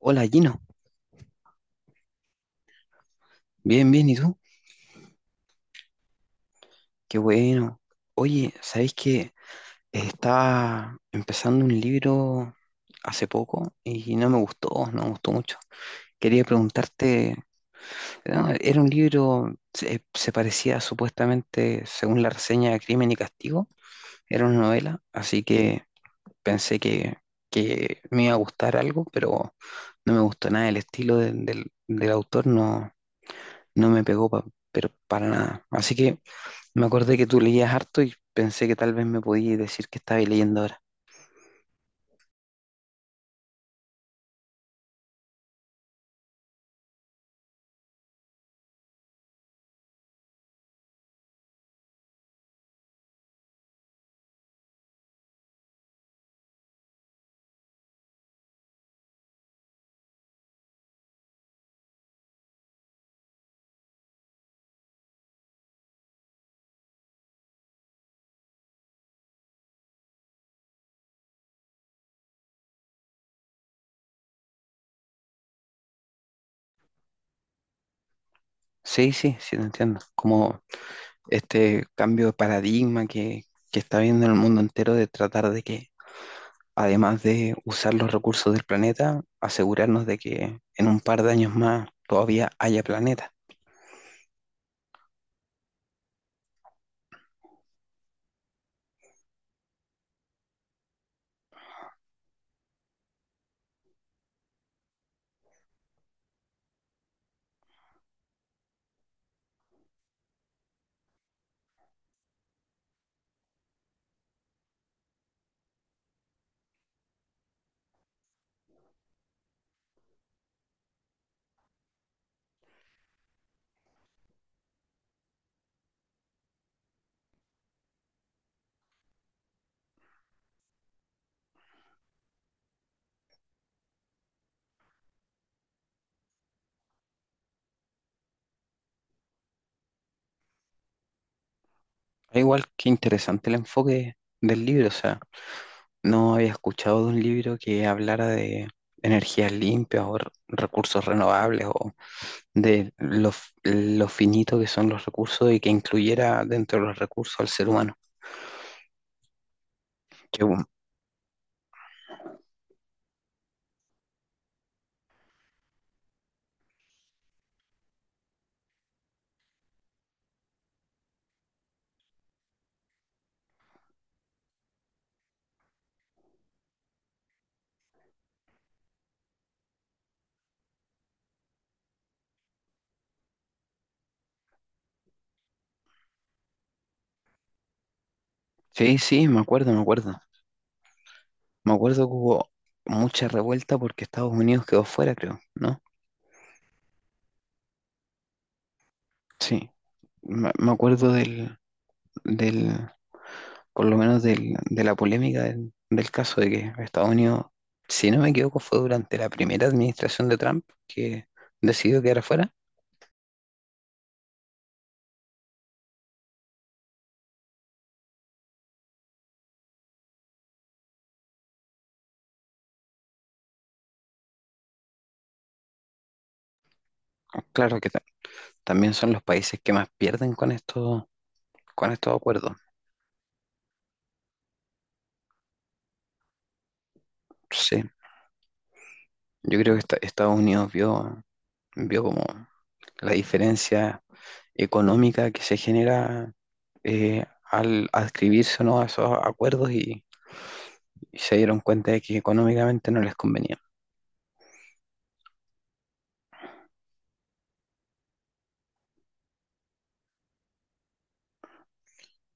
Hola Gino, bien, bien, ¿y tú? Qué bueno. Oye, ¿sabéis que estaba empezando un libro hace poco y no me gustó, no me gustó mucho? Quería preguntarte, no, era un libro, se parecía supuestamente, según la reseña, a Crimen y Castigo, era una novela, así que pensé que, que me iba a gustar algo, pero no me gustó nada, el estilo del autor, no, no me pegó pero para nada. Así que... me acordé que tú leías harto y pensé que tal vez me podías decir que estabas leyendo ahora. Sí, sí, sí, te entiendo. Como este cambio de paradigma que está viendo el mundo entero, de tratar de que, además de usar los recursos del planeta, asegurarnos de que en un par de años más todavía haya planeta. Ah, igual que interesante el enfoque del libro, o sea, no había escuchado de un libro que hablara de energías limpias o recursos renovables o de lo finito que son los recursos y que incluyera dentro de los recursos al ser humano. Que bu- sí, sí, me acuerdo, me acuerdo. Me acuerdo que hubo mucha revuelta porque Estados Unidos quedó fuera, creo, ¿no? Sí, me acuerdo del, por lo menos de la polémica del caso de que Estados Unidos, si no me equivoco, fue durante la primera administración de Trump que decidió quedar fuera. Claro que ta- También son los países que más pierden con estos acuerdos. Sí. Yo creo que Estados Unidos vio, vio como la diferencia económica que se genera, al adscribirse o no a esos acuerdos, y se dieron cuenta de que económicamente no les convenía.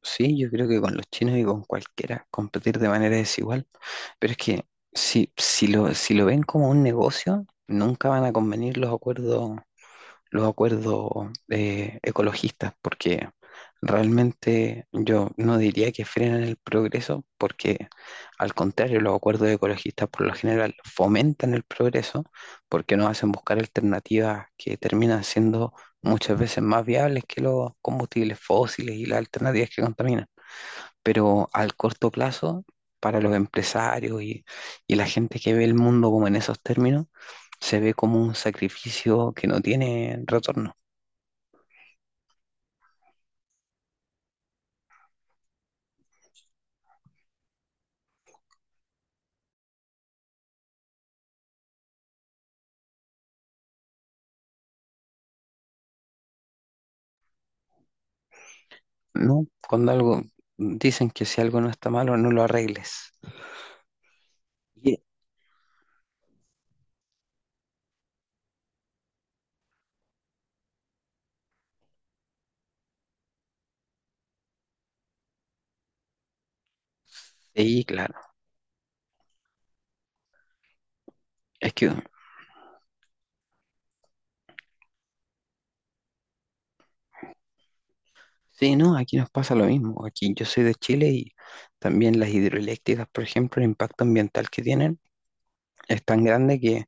Sí, yo creo que con los chinos y con cualquiera competir de manera desigual, pero es que si, si lo ven como un negocio, nunca van a convenir los acuerdos, los acuerdos, ecologistas, porque realmente yo no diría que frenan el progreso, porque al contrario, los acuerdos ecologistas por lo general fomentan el progreso, porque nos hacen buscar alternativas que terminan siendo muchas veces más viables que los combustibles fósiles y las alternativas que contaminan, pero al corto plazo, para los empresarios y la gente que ve el mundo como en esos términos, se ve como un sacrificio que no tiene retorno, ¿no? Cuando algo, dicen que si algo no está malo, no lo arregles. Y, y claro, es que, sí, no, aquí nos pasa lo mismo. Aquí yo soy de Chile y también las hidroeléctricas, por ejemplo, el impacto ambiental que tienen es tan grande que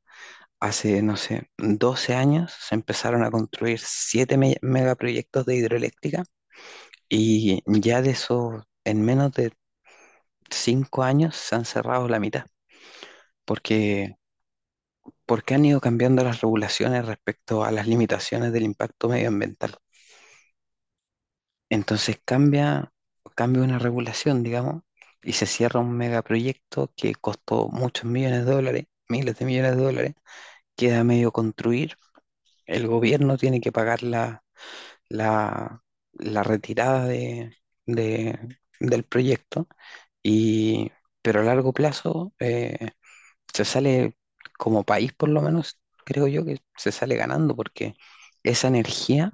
hace, no sé, 12 años se empezaron a construir 7 megaproyectos de hidroeléctrica. Y ya de eso, en menos de cinco años, se han cerrado la mitad, porque, porque han ido cambiando las regulaciones respecto a las limitaciones del impacto medioambiental. Entonces cambia, cambia una regulación, digamos, y se cierra un megaproyecto que costó muchos millones de dólares, miles de millones de dólares, queda medio construir, el gobierno tiene que pagar la, la retirada de- del proyecto. Y, pero a largo plazo, se sale, como país por lo menos, creo yo, que se sale ganando porque esa energía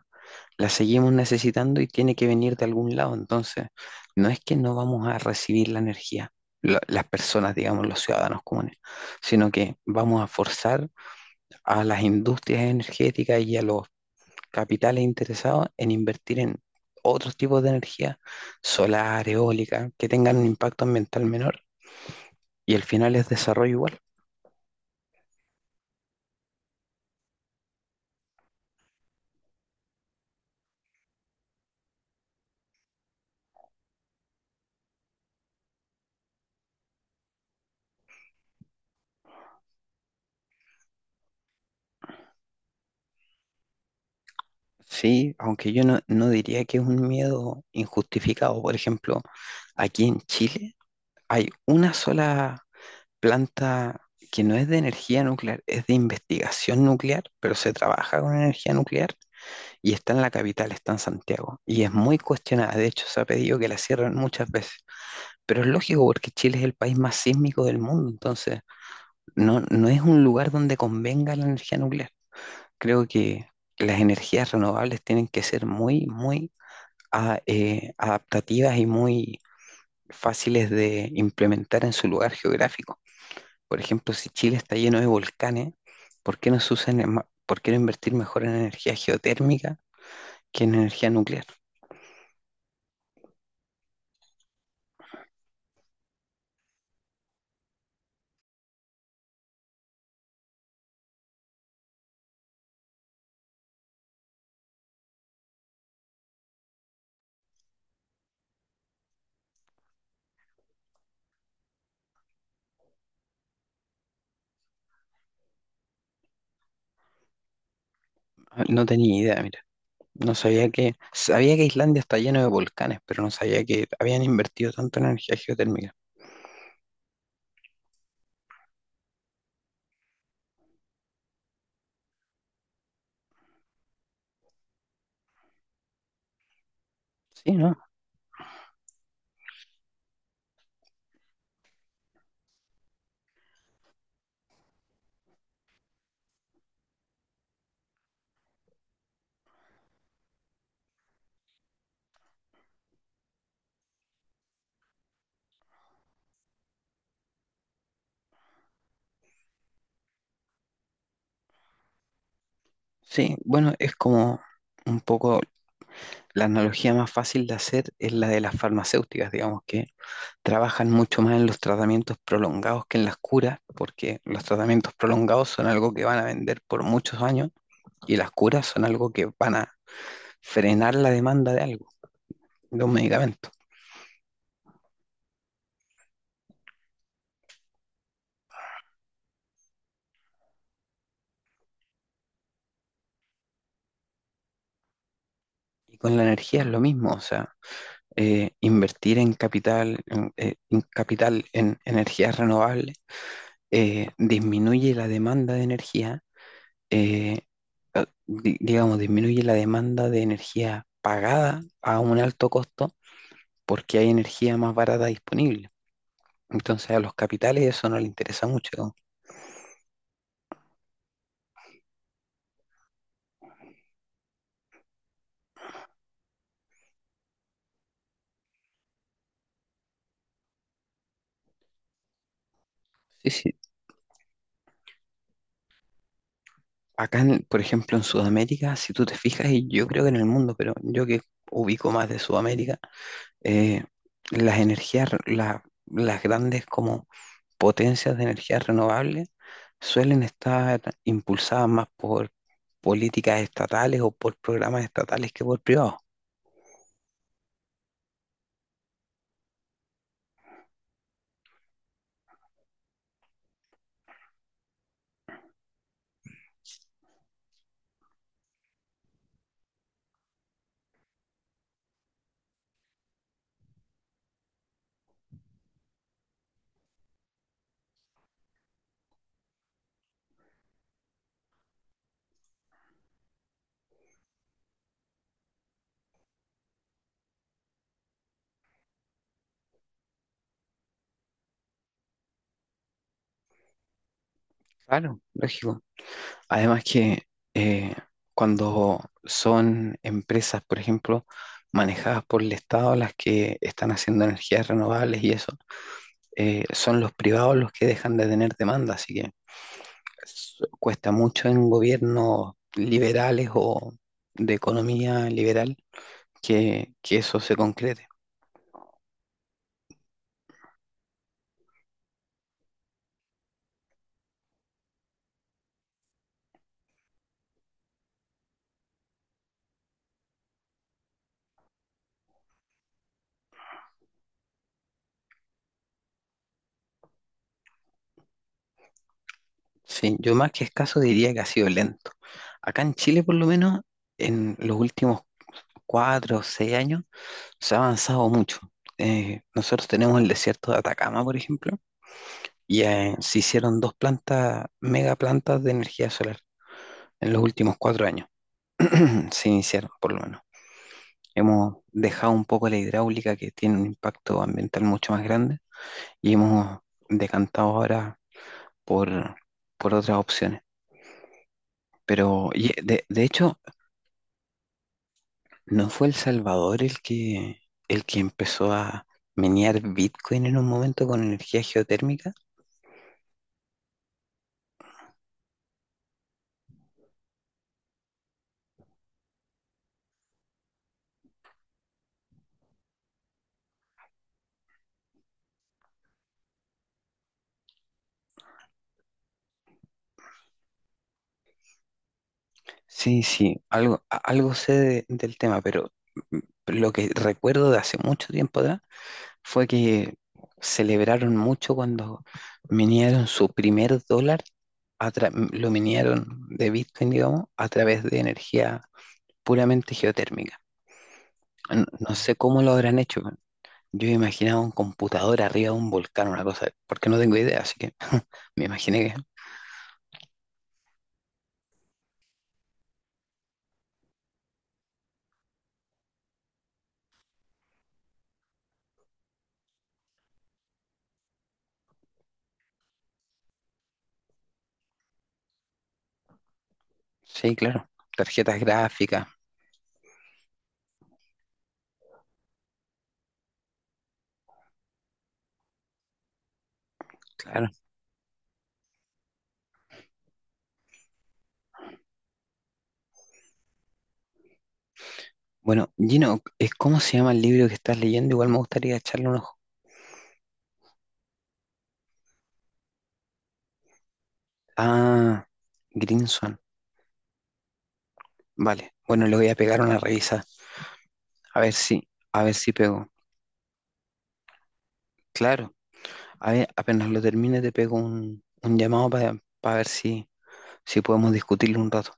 la seguimos necesitando y tiene que venir de algún lado. Entonces, no es que no vamos a recibir la energía, las personas, digamos, los ciudadanos comunes, sino que vamos a forzar a las industrias energéticas y a los capitales interesados en invertir en otros tipos de energía, solar, eólica, que tengan un impacto ambiental menor, y el final es desarrollo igual. Sí, aunque yo no, no diría que es un miedo injustificado. Por ejemplo, aquí en Chile hay una sola planta que no es de energía nuclear, es de investigación nuclear, pero se trabaja con energía nuclear y está en la capital, está en Santiago. Y es muy cuestionada, de hecho se ha pedido que la cierren muchas veces. Pero es lógico, porque Chile es el país más sísmico del mundo, entonces no, no es un lugar donde convenga la energía nuclear. Creo que las energías renovables tienen que ser muy, muy adaptativas y muy fáciles de implementar en su lugar geográfico. Por ejemplo, si Chile está lleno de volcanes, ¿por qué no se usan en por qué no invertir mejor en energía geotérmica que en energía nuclear? Ah, no tenía idea, mira. No sabía que, sabía que Islandia está lleno de volcanes, pero no sabía que habían invertido tanto en energía geotérmica. Sí, ¿no? Sí, bueno, es como un poco, la analogía más fácil de hacer es la de las farmacéuticas, digamos, que trabajan mucho más en los tratamientos prolongados que en las curas, porque los tratamientos prolongados son algo que van a vender por muchos años, y las curas son algo que van a frenar la demanda de algo, de un medicamento. Y con la energía es lo mismo, o sea, invertir en capital, en capital en energías renovables, disminuye la demanda de energía. Eh, digamos, disminuye la demanda de energía pagada a un alto costo porque hay energía más barata disponible. Entonces a los capitales eso no les interesa mucho. ¿No? Sí, sí. Acá, por ejemplo, en Sudamérica, si tú te fijas, y yo creo que en el mundo, pero yo que ubico más de Sudamérica, eh, las las grandes como potencias de energías renovables suelen estar impulsadas más por políticas estatales o por programas estatales que por privados. Claro, lógico. Además que eh, cuando son empresas, por ejemplo, manejadas por el Estado, las que están haciendo energías renovables y eso, son los privados los que dejan de tener demanda, así que cuesta mucho en gobiernos liberales o de economía liberal que eso se concrete. Sí, yo más que escaso diría que ha sido lento. Acá en Chile, por lo menos, en los últimos cuatro o seis años, se ha avanzado mucho. Nosotros tenemos el desierto de Atacama, por ejemplo, y se hicieron dos plantas, mega plantas, de energía solar en los últimos cuatro años. Se iniciaron, por lo menos. Hemos dejado un poco la hidráulica, que tiene un impacto ambiental mucho más grande, y hemos decantado ahora por, por otras opciones. Pero, de hecho, ¿no fue El Salvador el que empezó a menear Bitcoin en un momento con energía geotérmica? Sí, sí, algo, algo sé del tema, pero mm, lo que recuerdo de hace mucho tiempo atrás fue que celebraron mucho cuando minieron su primer dólar, a lo minieron de Bitcoin, digamos, a través de energía puramente geotérmica. No sé cómo lo habrán hecho. Yo imaginaba un computador arriba de un volcán, una cosa, porque no tengo idea, así que me imaginé que sí, claro, tarjetas gráficas, claro. Bueno, Gino, ¿es cómo se llama el libro que estás leyendo? Igual me gustaría echarle un ojo. Ah, Green Swan. Vale. Bueno, le voy a pegar una revisa. A ver si, a ver si pego. Claro. A ver, apenas lo termine te pego un llamado para ver si, si podemos discutirlo un rato.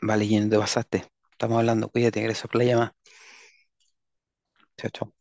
Vale, Gino, te pasaste. Estamos hablando. Cuídate, gracias por la llamada. Chao, chao.